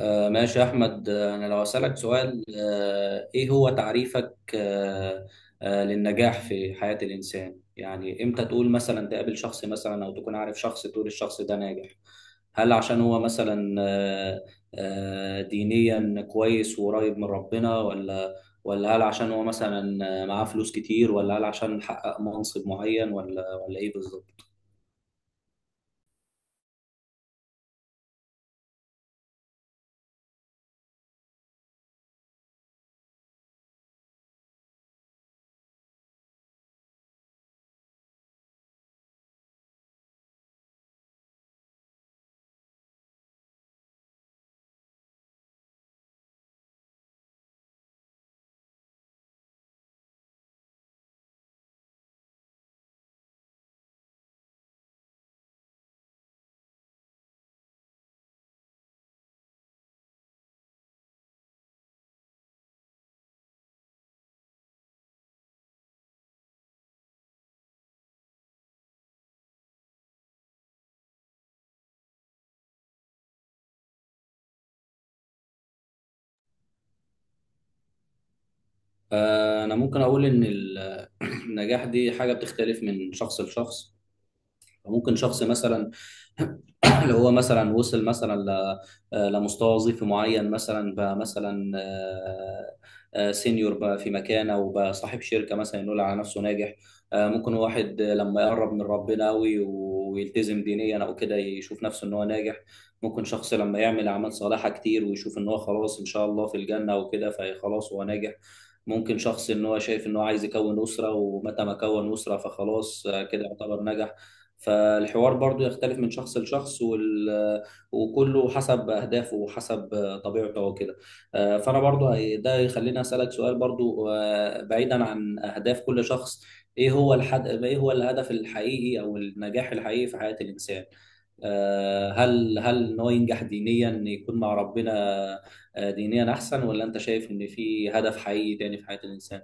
ماشي يا أحمد، أنا لو أسألك سؤال، إيه هو تعريفك للنجاح في حياة الإنسان؟ يعني إمتى تقول مثلا تقابل شخص مثلا أو تكون عارف شخص تقول الشخص ده ناجح؟ هل عشان هو مثلا دينيا كويس وقريب من ربنا، ولا هل عشان هو مثلا معاه فلوس كتير، ولا هل عشان حقق منصب معين، ولا إيه بالظبط؟ أنا ممكن أقول إن النجاح دي حاجة بتختلف من شخص لشخص. ممكن شخص مثلا اللي هو مثلا وصل مثلا لمستوى وظيفي معين مثلا، بقى مثلا سينيور بقى في مكانه، وبقى صاحب شركه مثلا يقول على نفسه ناجح. ممكن واحد لما يقرب من ربنا قوي ويلتزم دينيا او كده، يشوف نفسه ان هو ناجح. ممكن شخص لما يعمل اعمال صالحه كتير ويشوف ان هو خلاص ان شاء الله في الجنه وكده، فخلاص هو ناجح. ممكن شخص ان هو شايف ان هو عايز يكون اسره، ومتى ما كون اسره فخلاص كده يعتبر نجح. فالحوار برضو يختلف من شخص لشخص، وكله حسب أهدافه وحسب طبيعته وكده. فأنا برضو ده يخليني أسألك سؤال برضو، بعيدا عن أهداف كل شخص. إيه هو الهدف الحقيقي أو النجاح الحقيقي في حياة الإنسان؟ هل ان هو ينجح دينيا، إن يكون مع ربنا دينيا احسن، ولا انت شايف ان في هدف حقيقي تاني في حياة الانسان؟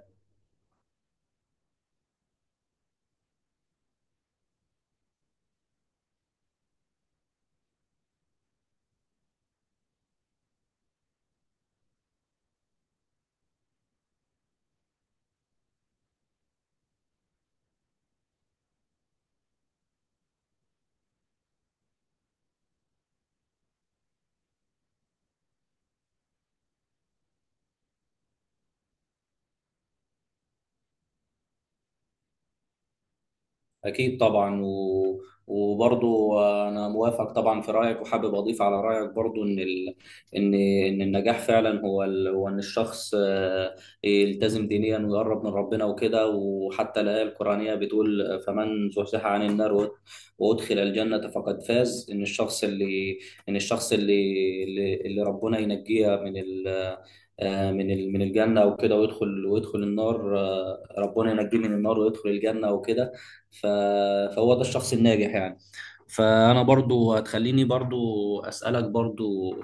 أكيد طبعا، وبرضو أنا موافق طبعا في رأيك، وحابب أضيف على رأيك برضو إن إن النجاح فعلا هو هو إن الشخص يلتزم دينيا ويقرب من ربنا وكده، وحتى الآية القرآنية بتقول: فمن زحزح عن النار وأدخل الجنة فقد فاز. إن الشخص اللي ربنا ينجيه من ال... آه، من ال... من الجنة وكده، ويدخل النار، ربنا ينجيه من النار ويدخل الجنة وكده. ف... فهو ده الشخص الناجح يعني. فأنا برضو هتخليني برضو أسألك برضو،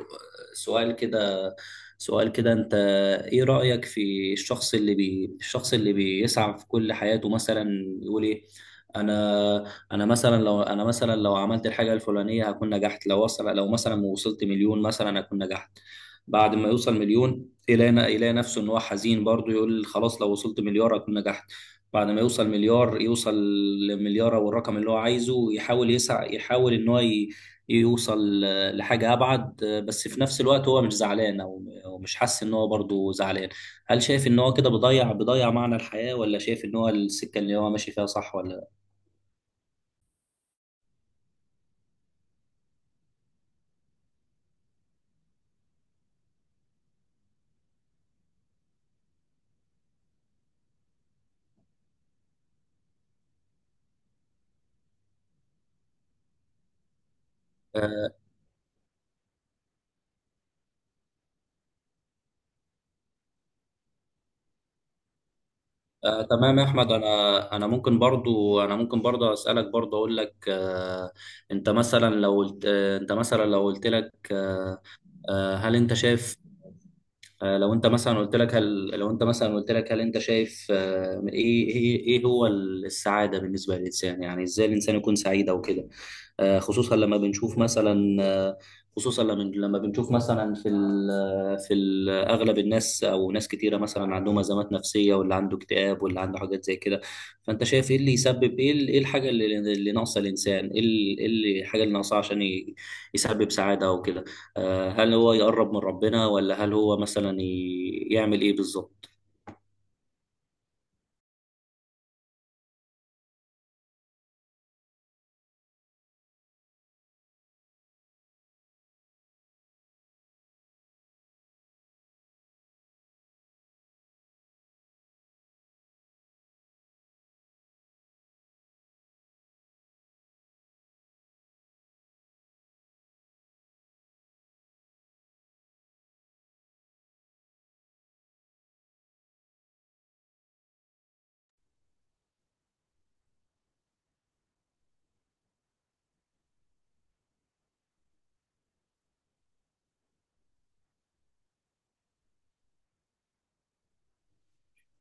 سؤال كده سؤال كده أنت، إيه رأيك في الشخص الشخص اللي بيسعى في كل حياته مثلا، يقول إيه؟ أنا، أنا مثلا لو عملت الحاجة الفلانية هكون نجحت، لو مثلا وصلت مليون مثلا هكون نجحت. بعد ما يوصل مليون، يلاقي نفسه إن هو حزين برضو، يقول خلاص، لو وصلت مليار هكون نجحت. بعد ما يوصل مليار يوصل لمليار او الرقم اللي هو عايزه، يحاول يحاول ان هو يوصل لحاجه ابعد، بس في نفس الوقت هو مش زعلان، او مش حاسس ان هو برضه زعلان. هل شايف ان هو كده بيضيع معنى الحياه، ولا شايف ان هو السكه اللي هو ماشي فيها صح ولا لا؟ آه تمام يا احمد، انا ممكن برضو اسالك برضو اقول لك: انت مثلا لو قلت لك، هل انت شايف آه، لو انت مثلا قلت لك، هل انت شايف، ايه هو السعاده بالنسبه للانسان، يعني ازاي الانسان يكون سعيد او كده؟ آه، خصوصا لما بنشوف مثلا آه، خصوصا لما بنشوف مثلا، في ال آه، في ال اغلب الناس او ناس كتيره مثلا عندهم ازمات نفسيه، واللي عنده اكتئاب واللي عنده حاجات زي كده. فانت شايف ايه اللي يسبب، ايه الحاجه اللي ناقصه الانسان، ايه ال- إيه اللي- الحاجه اللي ناقصه عشان يسبب سعاده وكده. هل هو يقرب من ربنا، ولا هل هو مثلا يعمل ايه بالظبط؟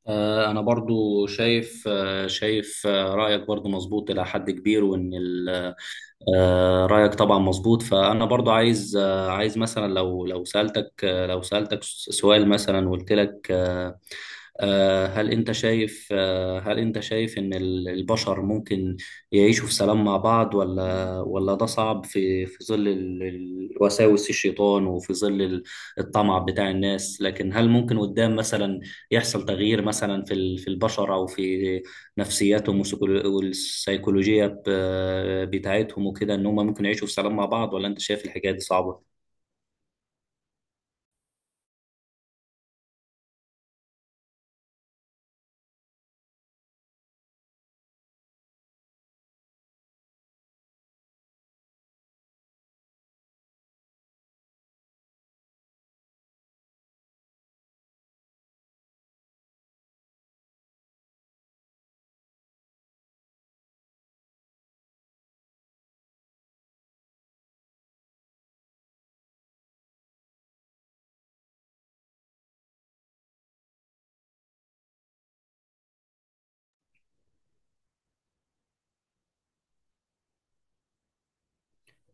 أنا برضو شايف رأيك برضو مظبوط إلى حد كبير، وإن ال- آه، رأيك طبعا مظبوط. فأنا برضو عايز مثلا لو سألتك سؤال مثلا وقلت لك، هل انت شايف ان البشر ممكن يعيشوا في سلام مع بعض، ولا ده صعب، في ظل وساوس الشيطان، وفي ظل الطمع بتاع الناس. لكن هل ممكن قدام مثلا يحصل تغيير مثلا في البشر او في نفسياتهم، والسيكولوجية بتاعتهم وكده، ان هم ممكن يعيشوا في سلام مع بعض، ولا انت شايف الحكاية دي صعبة؟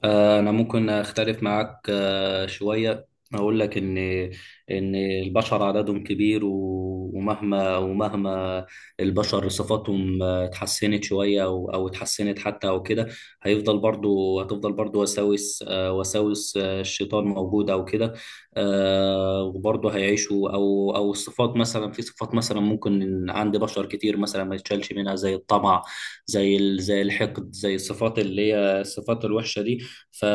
أنا ممكن أختلف معاك شوية، أقول لك إن البشر عددهم كبير، ومهما البشر صفاتهم اتحسنت شوية أو اتحسنت حتى أو كده، هيفضل برضو هتفضل برضو وساوس الشيطان موجودة أو كده. وبرضو هيعيشوا، أو الصفات مثلا في صفات مثلا ممكن إن عند بشر كتير مثلا ما يتشالش منها، زي الطمع، زي زي الحقد، زي الصفات اللي هي الصفات الوحشة دي. ف...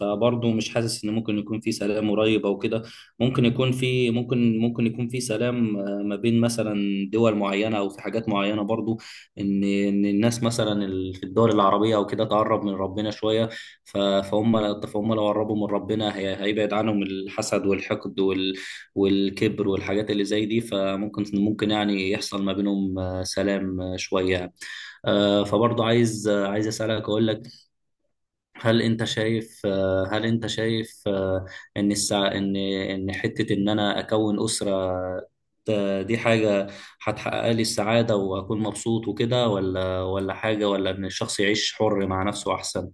فبرضه مش حاسس ان ممكن يكون في سلام قريب او كده. ممكن يكون في سلام، ما بين مثلا دول معينه، او في حاجات معينه برضه، ان الناس مثلا في الدول العربيه او كده تقرب من ربنا شويه. فهم لو قربوا من ربنا هيبعد عنهم الحسد والحقد والكبر والحاجات اللي زي دي، فممكن يعني يحصل ما بينهم سلام شويه. فبرضه عايز اسالك، اقول لك: هل انت شايف، ان حتة ان انا اكون اسرة، دي حاجة هتحقق لي السعادة وأكون مبسوط وكده، ولا حاجة، ولا إن الشخص يعيش حر مع نفسه أحسن؟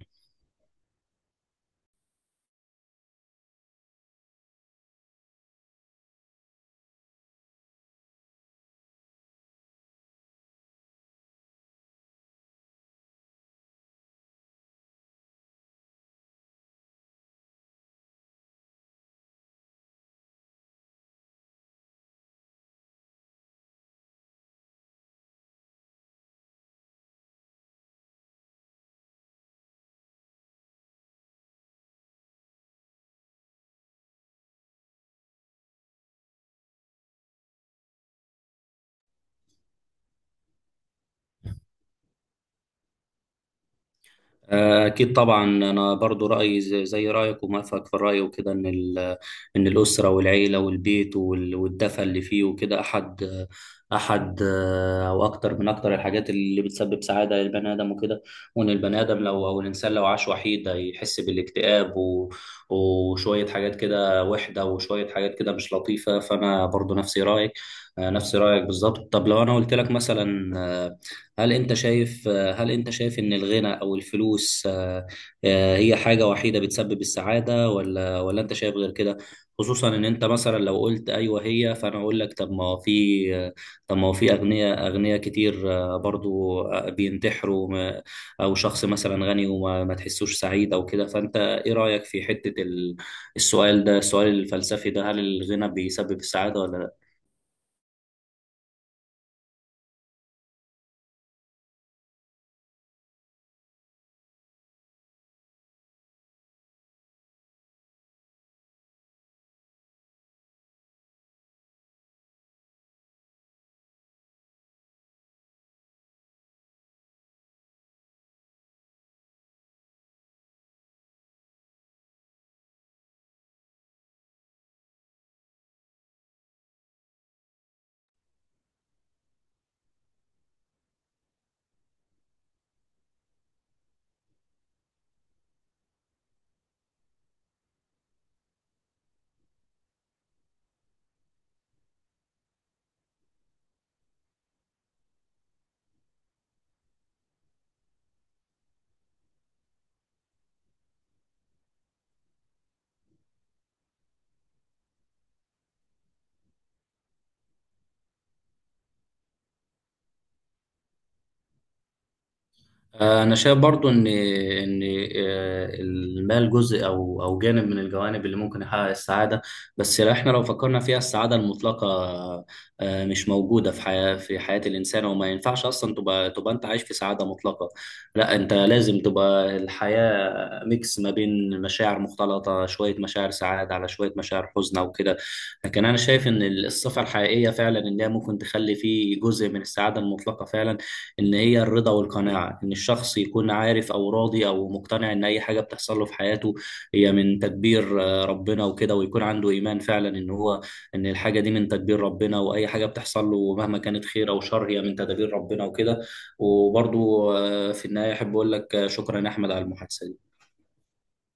أكيد طبعا، أنا برضو رأيي زي رأيك وموافقك في الرأي وكده، إن الأسرة والعيلة والبيت والدفى اللي فيه وكده، أحد أو أكتر من أكتر الحاجات اللي بتسبب سعادة للبني آدم وكده. وإن البني آدم لو أو الإنسان لو عاش وحيد هيحس بالاكتئاب، وشوية حاجات كده وحدة، وشوية حاجات كده مش لطيفة. فأنا برضو نفس رأيك بالظبط. طب لو أنا قلت لك مثلا، هل أنت شايف هل أنت شايف إن الغنى أو الفلوس، هي حاجة وحيدة بتسبب السعادة، ولا أنت شايف غير كده؟ خصوصا إن أنت مثلا لو قلت أيوه هي، فأنا أقول لك: طب ما هو في أغنياء كتير برضو بينتحروا، أو شخص مثلا غني وما ما تحسوش سعيد أو كده. فأنت إيه رأيك في حتة السؤال الفلسفي ده: هل الغنى بيسبب السعادة ولا لا؟ انا شايف برضو ان المال جزء او جانب من الجوانب اللي ممكن يحقق السعاده. بس لو فكرنا فيها السعاده المطلقه، مش موجوده في حياه الانسان، وما ينفعش اصلا تبقى انت عايش في سعاده مطلقه. لا، انت لازم تبقى الحياه ميكس ما بين مشاعر مختلطة، شوية مشاعر سعادة على شوية مشاعر حزن وكده. لكن أنا شايف إن الصفة الحقيقية فعلا، إن هي ممكن تخلي فيه جزء من السعادة المطلقة فعلا، إن هي الرضا والقناعة، إن الشخص يكون عارف أو راضي أو مقتنع إن أي حاجة بتحصل له في حياته هي من تدبير ربنا وكده، ويكون عنده إيمان فعلا إن الحاجة دي من تدبير ربنا، وأي حاجة بتحصل له مهما كانت خير أو شر هي من تدابير ربنا وكده. وبرضو، في النهاية أحب أقول لك، شكرا يا أحمد على المحادثة دي.